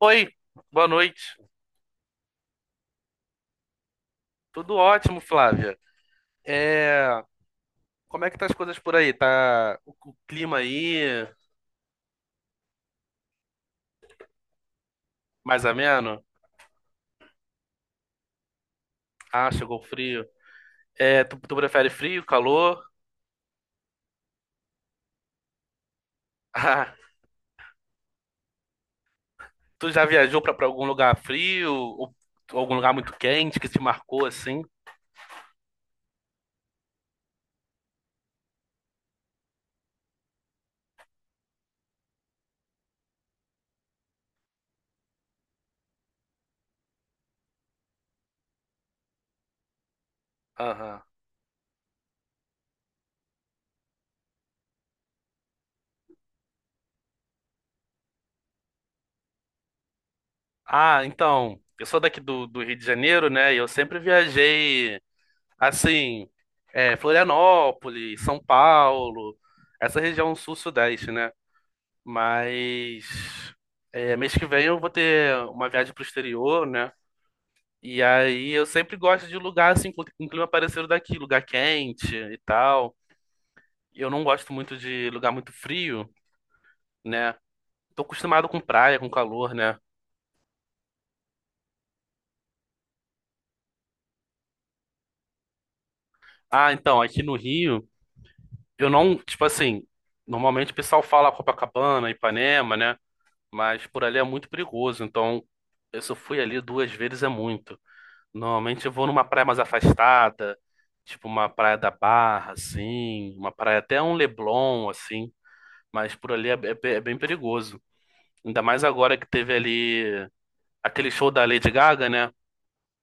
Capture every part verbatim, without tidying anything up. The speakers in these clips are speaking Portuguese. Oi, boa noite. Tudo ótimo, Flávia. É, como é que tá as coisas por aí? Tá o, o clima aí mais ameno? Ah, chegou o frio. É, tu, tu prefere frio, calor? Ah, tu já viajou pra pra algum lugar frio ou, ou algum lugar muito quente que te marcou assim? Aham. Ah, então, eu sou daqui do, do Rio de Janeiro, né? E eu sempre viajei assim, é, Florianópolis, São Paulo, essa região sul-sudeste, né? Mas é, mês que vem eu vou ter uma viagem pro exterior, né? E aí eu sempre gosto de lugar assim, com com clima parecido daqui, lugar quente e tal. Eu não gosto muito de lugar muito frio, né? Tô acostumado com praia, com calor, né? Ah, então, aqui no Rio, eu não, tipo assim, normalmente o pessoal fala Copacabana, Ipanema, né? Mas por ali é muito perigoso, então eu só fui ali duas vezes é muito. Normalmente eu vou numa praia mais afastada, tipo uma praia da Barra, assim, uma praia até um Leblon, assim, mas por ali é, é pe- é bem perigoso. Ainda mais agora que teve ali aquele show da Lady Gaga, né?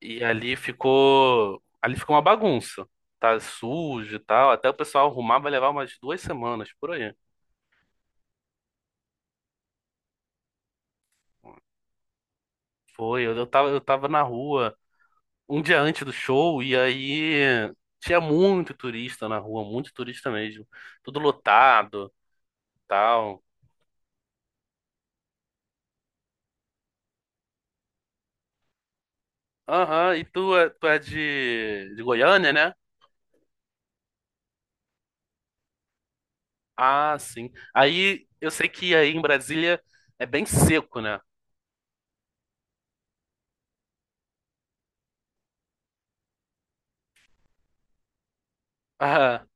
E ali ficou, ali ficou uma bagunça. Tá sujo e tal, até o pessoal arrumar vai levar umas duas semanas por aí. Foi, eu eu tava, eu tava na rua um dia antes do show e aí tinha muito turista na rua, muito turista mesmo, tudo lotado. Tal. Aham, e tu é, tu é de, de Goiânia, né? Ah, sim. Aí eu sei que aí em Brasília é bem seco, né? Ah,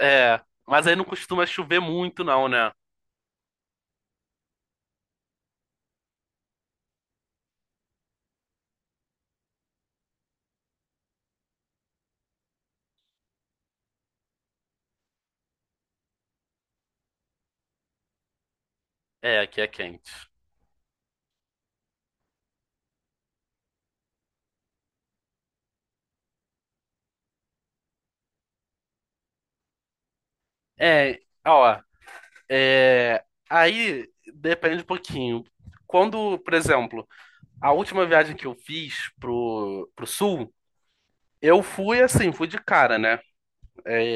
é. Mas aí não costuma chover muito, não, né? É, aqui é quente. É, ó, é, aí depende um pouquinho. Quando, por exemplo, a última viagem que eu fiz pro, pro sul, eu fui assim, fui de cara, né?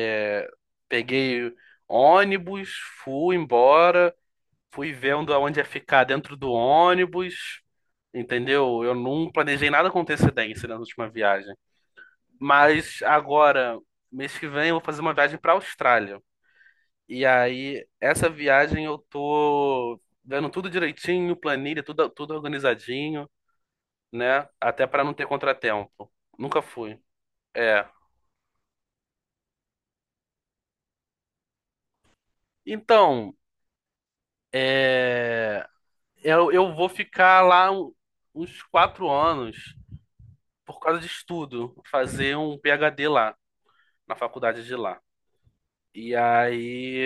É, Peguei ônibus, fui embora. Fui vendo aonde ia ficar dentro do ônibus, entendeu? Eu não planejei nada com antecedência, né, na última viagem. Mas agora, mês que vem, eu vou fazer uma viagem para a Austrália. E aí, essa viagem eu tô vendo tudo direitinho, planilha, tudo, tudo organizadinho, né? Até para não ter contratempo. Nunca fui. É. Então, é... eu, eu vou ficar lá um- uns quatro anos por causa de estudo, fazer um PhD lá, na faculdade de lá. E aí,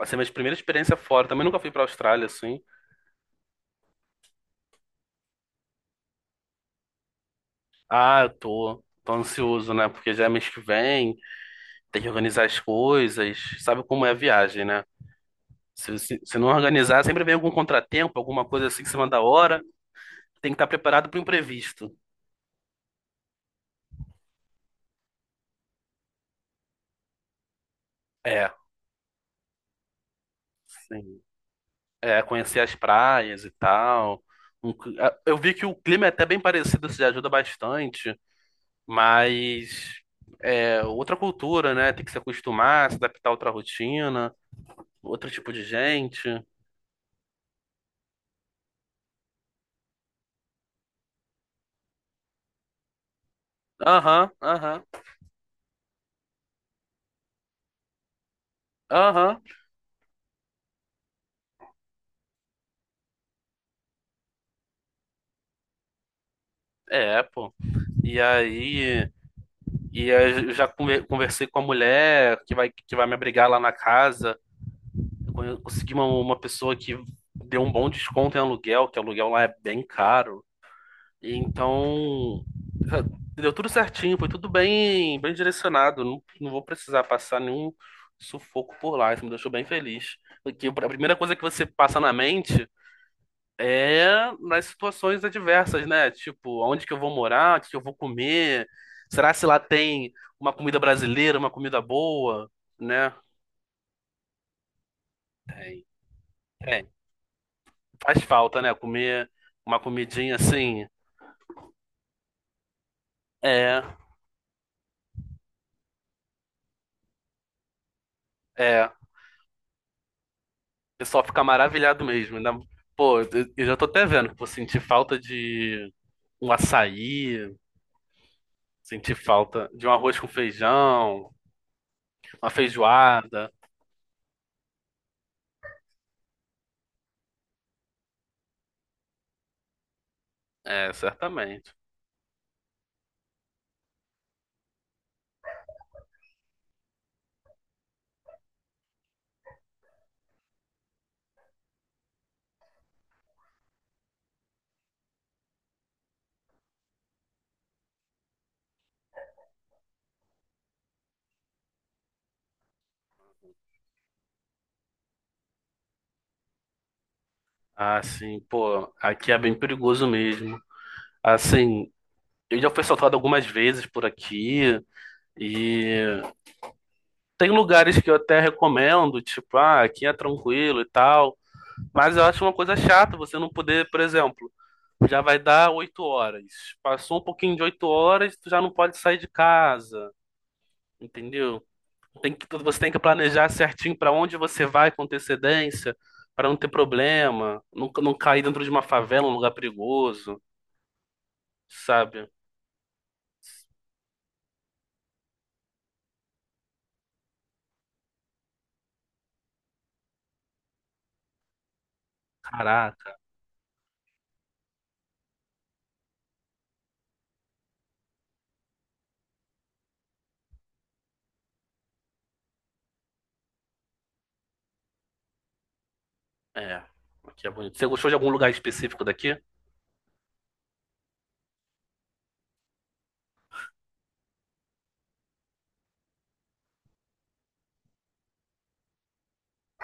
assim, minha primeira experiência fora, também nunca fui pra Austrália, assim. Ah, eu tô, tô ansioso, né? Porque já é mês que vem, tem que organizar as coisas, sabe como é a viagem, né? Se, se, se não organizar, sempre vem algum contratempo, alguma coisa assim em cima da hora, tem que estar preparado para o imprevisto. É, sim. É, conhecer as praias e tal. Um cli- ah, Eu vi que o clima é até bem parecido, isso já ajuda bastante. Mas é outra cultura, né? Tem que se acostumar, se adaptar a outra rotina, outro tipo de gente. Aham, aham, aham. É, pô. E aí, e aí eu já conver- conversei com a mulher que vai, que vai me abrigar lá na casa. Eu consegui uma, uma pessoa que deu um bom desconto em aluguel, que aluguel lá é bem caro. E então, deu tudo certinho, foi tudo bem, bem direcionado. Não, não vou precisar passar nenhum sufoco por lá. Isso me deixou bem feliz. Porque a primeira coisa que você passa na mente é nas situações adversas, né? Tipo, onde que eu vou morar? O que que eu vou comer? Será se lá tem uma comida brasileira, uma comida boa, né? Tem, tem. Faz falta, né? Comer uma comidinha assim. É, é. Eu só ficar maravilhado mesmo. ainda- Pô, eu eu já tô até vendo que vou sentir falta de um açaí, sentir falta de um arroz com feijão, uma feijoada. É, certamente. Ah, sim, pô, aqui é bem perigoso mesmo. Assim, eu já fui assaltado algumas vezes por aqui e tem lugares que eu até recomendo, tipo, ah, aqui é tranquilo e tal, mas eu acho uma coisa chata você não poder, por exemplo. Já vai dar oito horas. Passou um pouquinho de oito horas, tu já não pode sair de casa, entendeu? Tem que, você tem que planejar certinho para onde você vai com antecedência, para não ter problema, não, não cair dentro de uma favela, um lugar perigoso, sabe? Caraca, é. Aqui é bonito. Você gostou de algum lugar específico daqui?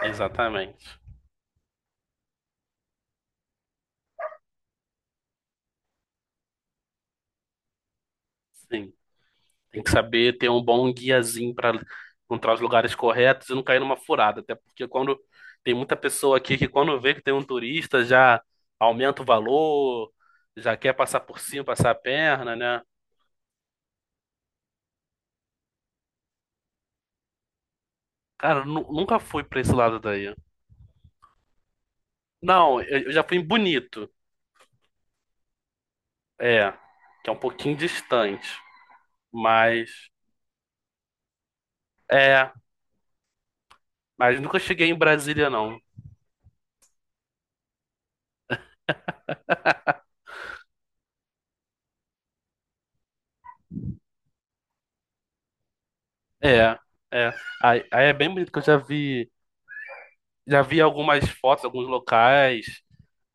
Exatamente. Sim. Tem que saber ter um bom guiazinho para encontrar os lugares corretos e não cair numa furada. Até porque quando tem muita pessoa aqui que quando vê que tem um turista já aumenta o valor, já quer passar por cima, passar a perna, né? Cara, eu nu- nunca fui para esse lado daí. Não, eu, eu já fui em Bonito, é, que é um pouquinho distante, mas é, mas nunca cheguei em Brasília não. É, é. Aí, aí é bem bonito que eu já vi, já vi algumas fotos, alguns locais.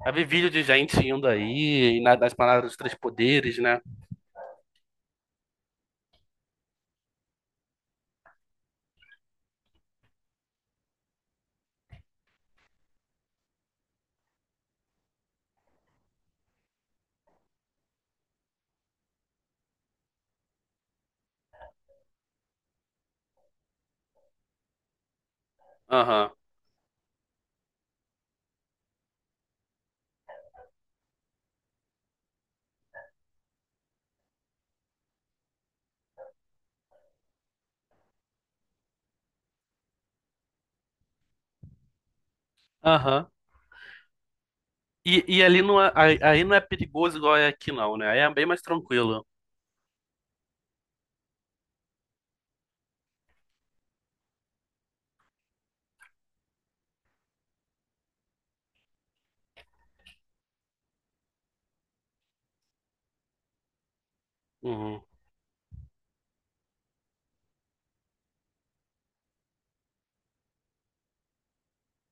Já vi vídeo de gente indo aí, na- nas palavras dos três poderes, né? Aham, aham. E, e ali não é, aí aí não é perigoso igual é aqui, não, né? Aí é bem mais tranquilo. Uhum.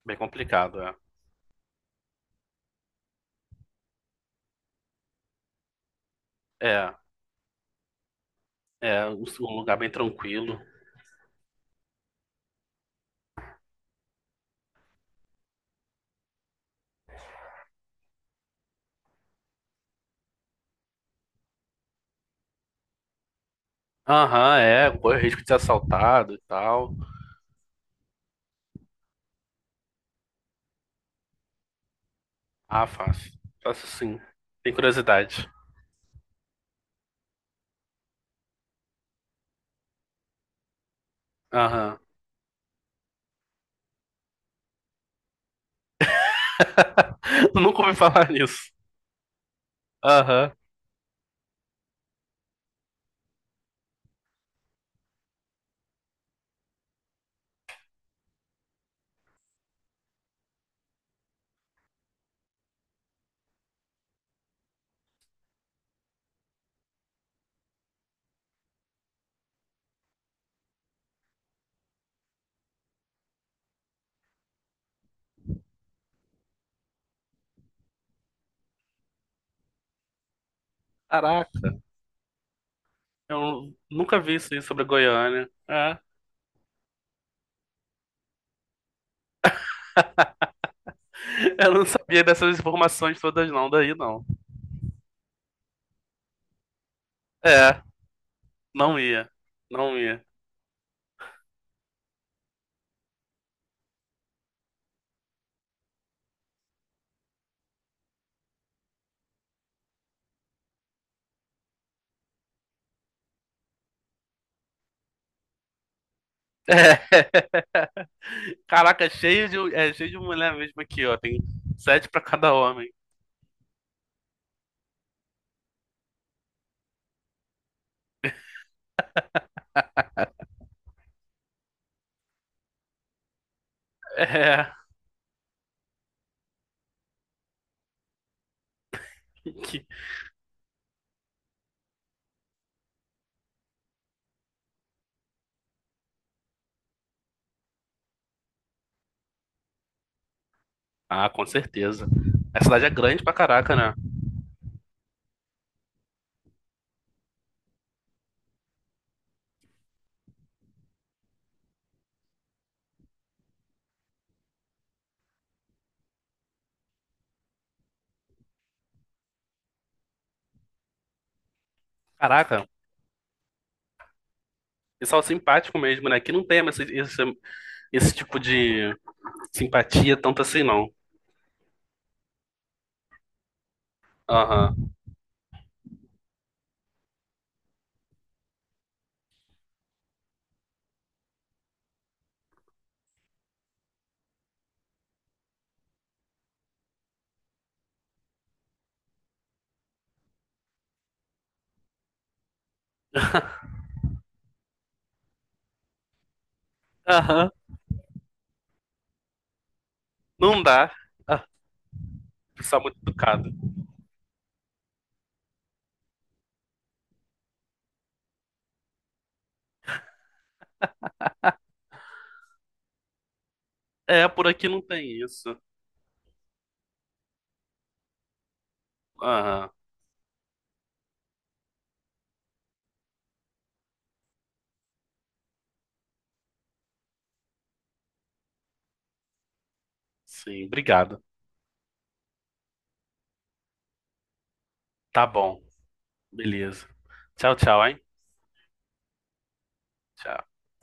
Bem complicado, é. É, é um um lugar bem tranquilo. Aham, é. Corre o risco de ser assaltado e tal. Ah, fácil. Fácil sim. Tem curiosidade. Aham. Nunca ouvi falar nisso. Aham. Caraca. Eu nunca vi isso aí sobre Goiânia. É. Eu não sabia dessas informações todas não, daí não. É, não ia. Não ia. É. Caraca, cheio de, é, cheio de mulher mesmo aqui, ó. Tem sete pra cada homem. É. Que- Ah, com certeza. A cidade é grande pra caraca, né? Caraca, pessoal simpático mesmo, né? Aqui não tem esse, esse, esse tipo de simpatia tanto assim, não. Aham. Aham. Não dá. Ah, pessoal muito educado. É, por aqui não tem isso. Aham. Sim, obrigado. Tá bom. Beleza. Tchau, tchau, hein? Tchau.